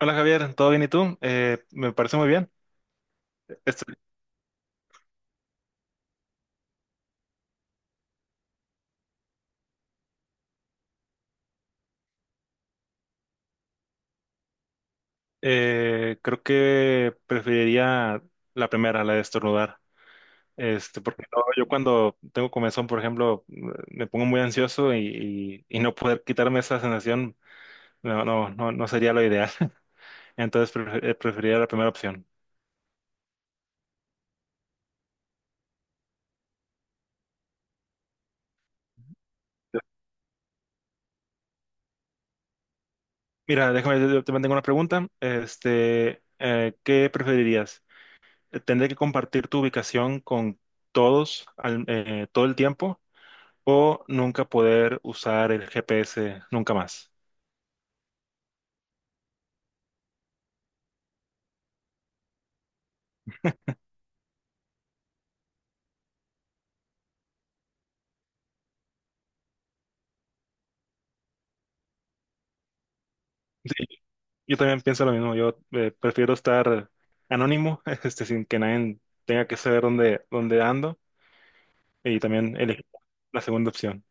Hola Javier, ¿todo bien y tú? Me parece muy bien. Este, Creo que preferiría la primera, la de estornudar. Porque no, yo cuando tengo comezón, por ejemplo, me pongo muy ansioso y no poder quitarme esa sensación no, no sería lo ideal. Entonces preferiría la primera opción. Mira, déjame, yo también tengo una pregunta. ¿Qué preferirías? ¿Tendré que compartir tu ubicación con todo el tiempo? O nunca poder usar el GPS nunca más. Sí, yo también pienso lo mismo. Yo Prefiero estar anónimo, sin que nadie tenga que saber dónde ando. Y también elegir la segunda opción.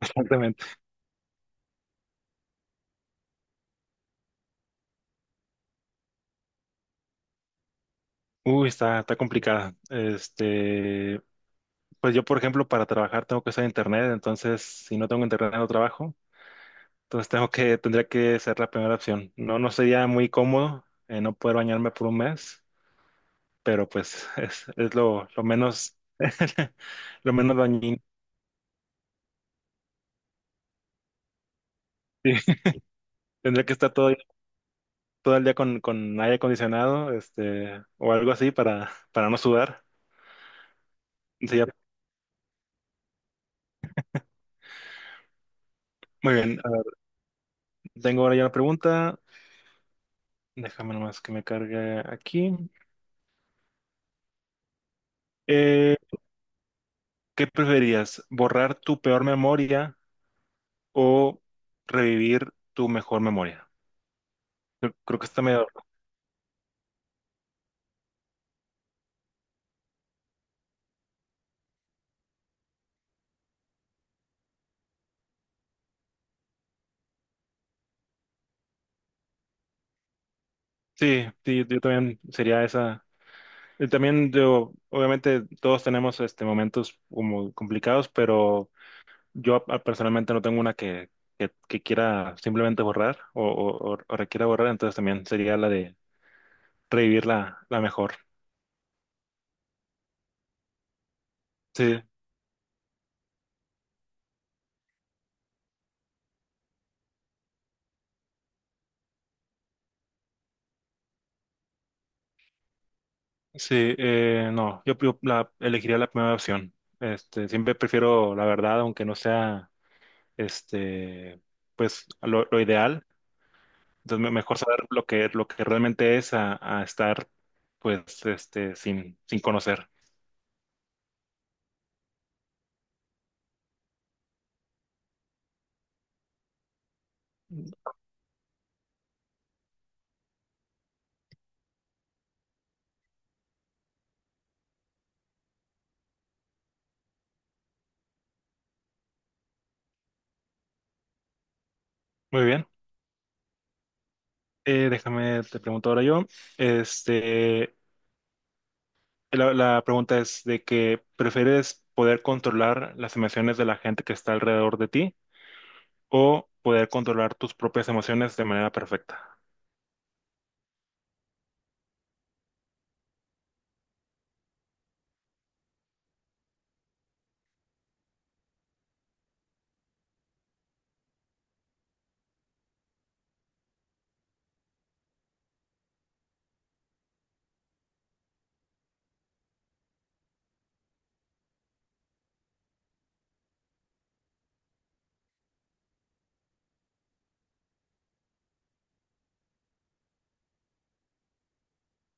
Exactamente. Uy, está complicada. Pues yo, por ejemplo, para trabajar tengo que usar internet. Entonces, si no tengo internet, no trabajo. Entonces tendría que ser la primera opción. No, no sería muy cómodo no poder bañarme por un mes. Pero pues es lo menos, lo menos dañino. Sí, Tendría que estar todo, todo el día con aire acondicionado, o algo así para no sudar. Sí, ya. Muy bien, a ver, tengo ahora ya una pregunta. Déjame nomás que me cargue aquí. Eh, ¿Qué preferías? ¿Borrar tu peor memoria o revivir tu mejor memoria? Creo que está medio... Sí, sí, yo también sería esa. Y también yo, obviamente todos tenemos momentos como complicados, pero yo personalmente no tengo una que quiera simplemente borrar o requiera borrar, entonces también sería la de revivir la mejor. Sí, sí, no, yo, yo elegiría la primera opción. Siempre prefiero la verdad, aunque no sea este, pues lo ideal. Entonces mejor saber lo que realmente es a estar pues sin conocer. Muy bien. Déjame, te pregunto ahora yo. Este, la pregunta es de que ¿prefieres poder controlar las emociones de la gente que está alrededor de ti o poder controlar tus propias emociones de manera perfecta?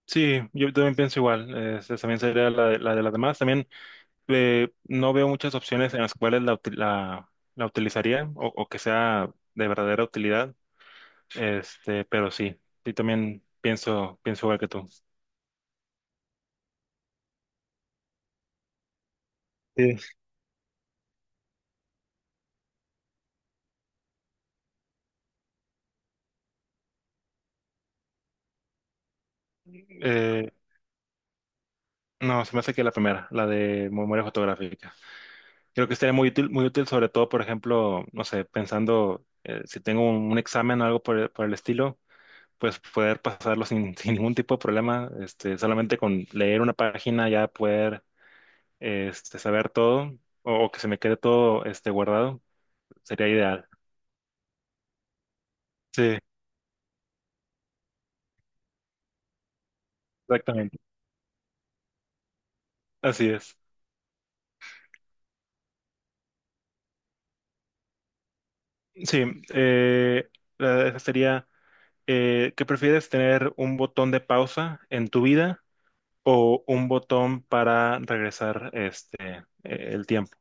Sí, yo también pienso igual. También sería la de las demás. También no veo muchas opciones en las cuales la utilizaría, o que sea de verdadera utilidad. Pero sí, sí también pienso igual que tú. Sí. Eh, No, se me hace que la primera, la de memoria fotográfica. Creo que sería muy útil, sobre todo, por ejemplo, no sé, pensando si tengo un examen o algo por el estilo, pues poder pasarlo sin, sin ningún tipo de problema, solamente con leer una página ya poder saber todo, o que se me quede todo guardado, sería ideal. Sí, exactamente. Así es. Sí, eh, esa sería, ¿qué prefieres, tener un botón de pausa en tu vida o un botón para regresar el tiempo?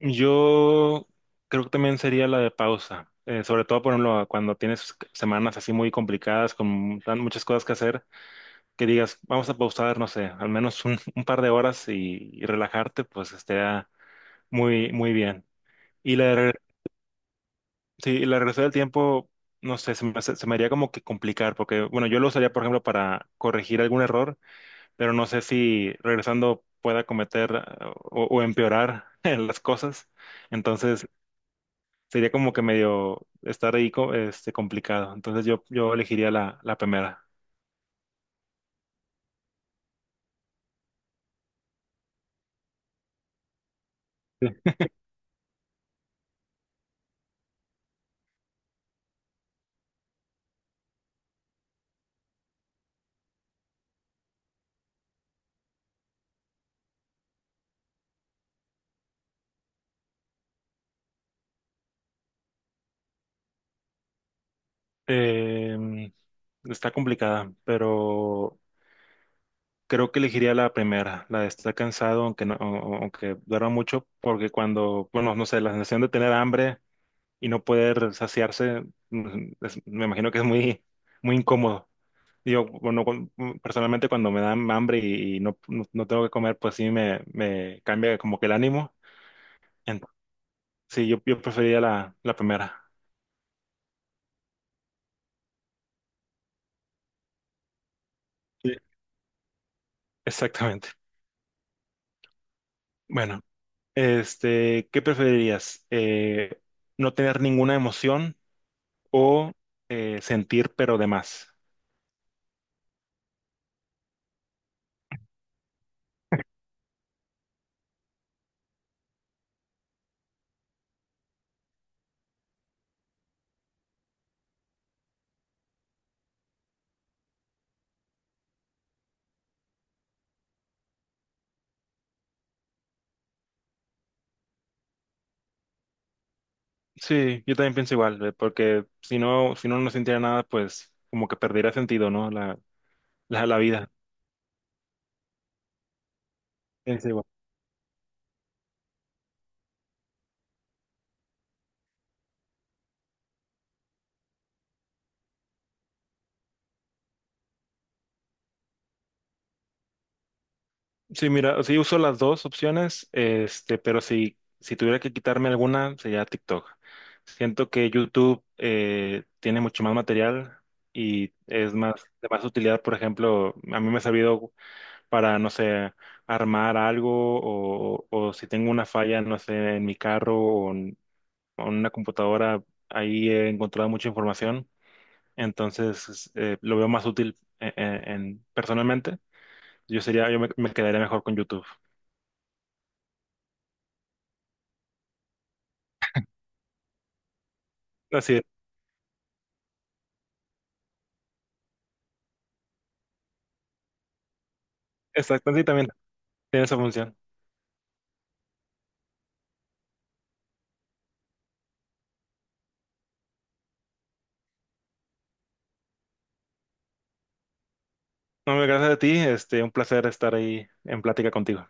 Yo creo que también sería la de pausa, sobre todo, por ejemplo, cuando tienes semanas así muy complicadas, con muchas cosas que hacer, que digas, vamos a pausar, no sé, al menos un par de horas y relajarte, pues estaría muy, muy bien. Y la, de reg- sí, y la de regresar del tiempo, no sé, se me, se me haría como que complicar, porque, bueno, yo lo usaría, por ejemplo, para corregir algún error, pero no sé si regresando pueda cometer o empeorar en las cosas. Entonces sería como que medio estar ahí complicado. Entonces yo elegiría la primera. Sí. Eh, Está complicada, pero creo que elegiría la primera, la de estar cansado, aunque no, aunque duerma mucho, porque cuando, bueno, no sé, la sensación de tener hambre y no poder saciarse, mm, me imagino que es muy, muy incómodo. Yo, bueno, personalmente cuando me dan hambre y no, no tengo que comer, pues sí me cambia como que el ánimo. En- sí, yo preferiría la primera. Sí. Exactamente. Bueno, ¿qué preferirías? ¿No tener ninguna emoción o sentir pero de más? Sí, yo también pienso igual, porque si no, si no, no sintiera nada, pues como que perdería sentido, ¿no? La vida. Pienso sí, mira, sí uso las dos opciones, pero si tuviera que quitarme alguna, sería TikTok. Siento que YouTube tiene mucho más material y es más de más utilidad. Por ejemplo, a mí me ha servido para, no sé, armar algo, o si tengo una falla, no sé, en mi carro o en una computadora, ahí he encontrado mucha información. Entonces, lo veo más útil personalmente. Yo sería, yo me quedaría mejor con YouTube. Así es. Exactamente, sí, también tiene esa función. No, gracias a ti, un placer estar ahí en plática contigo.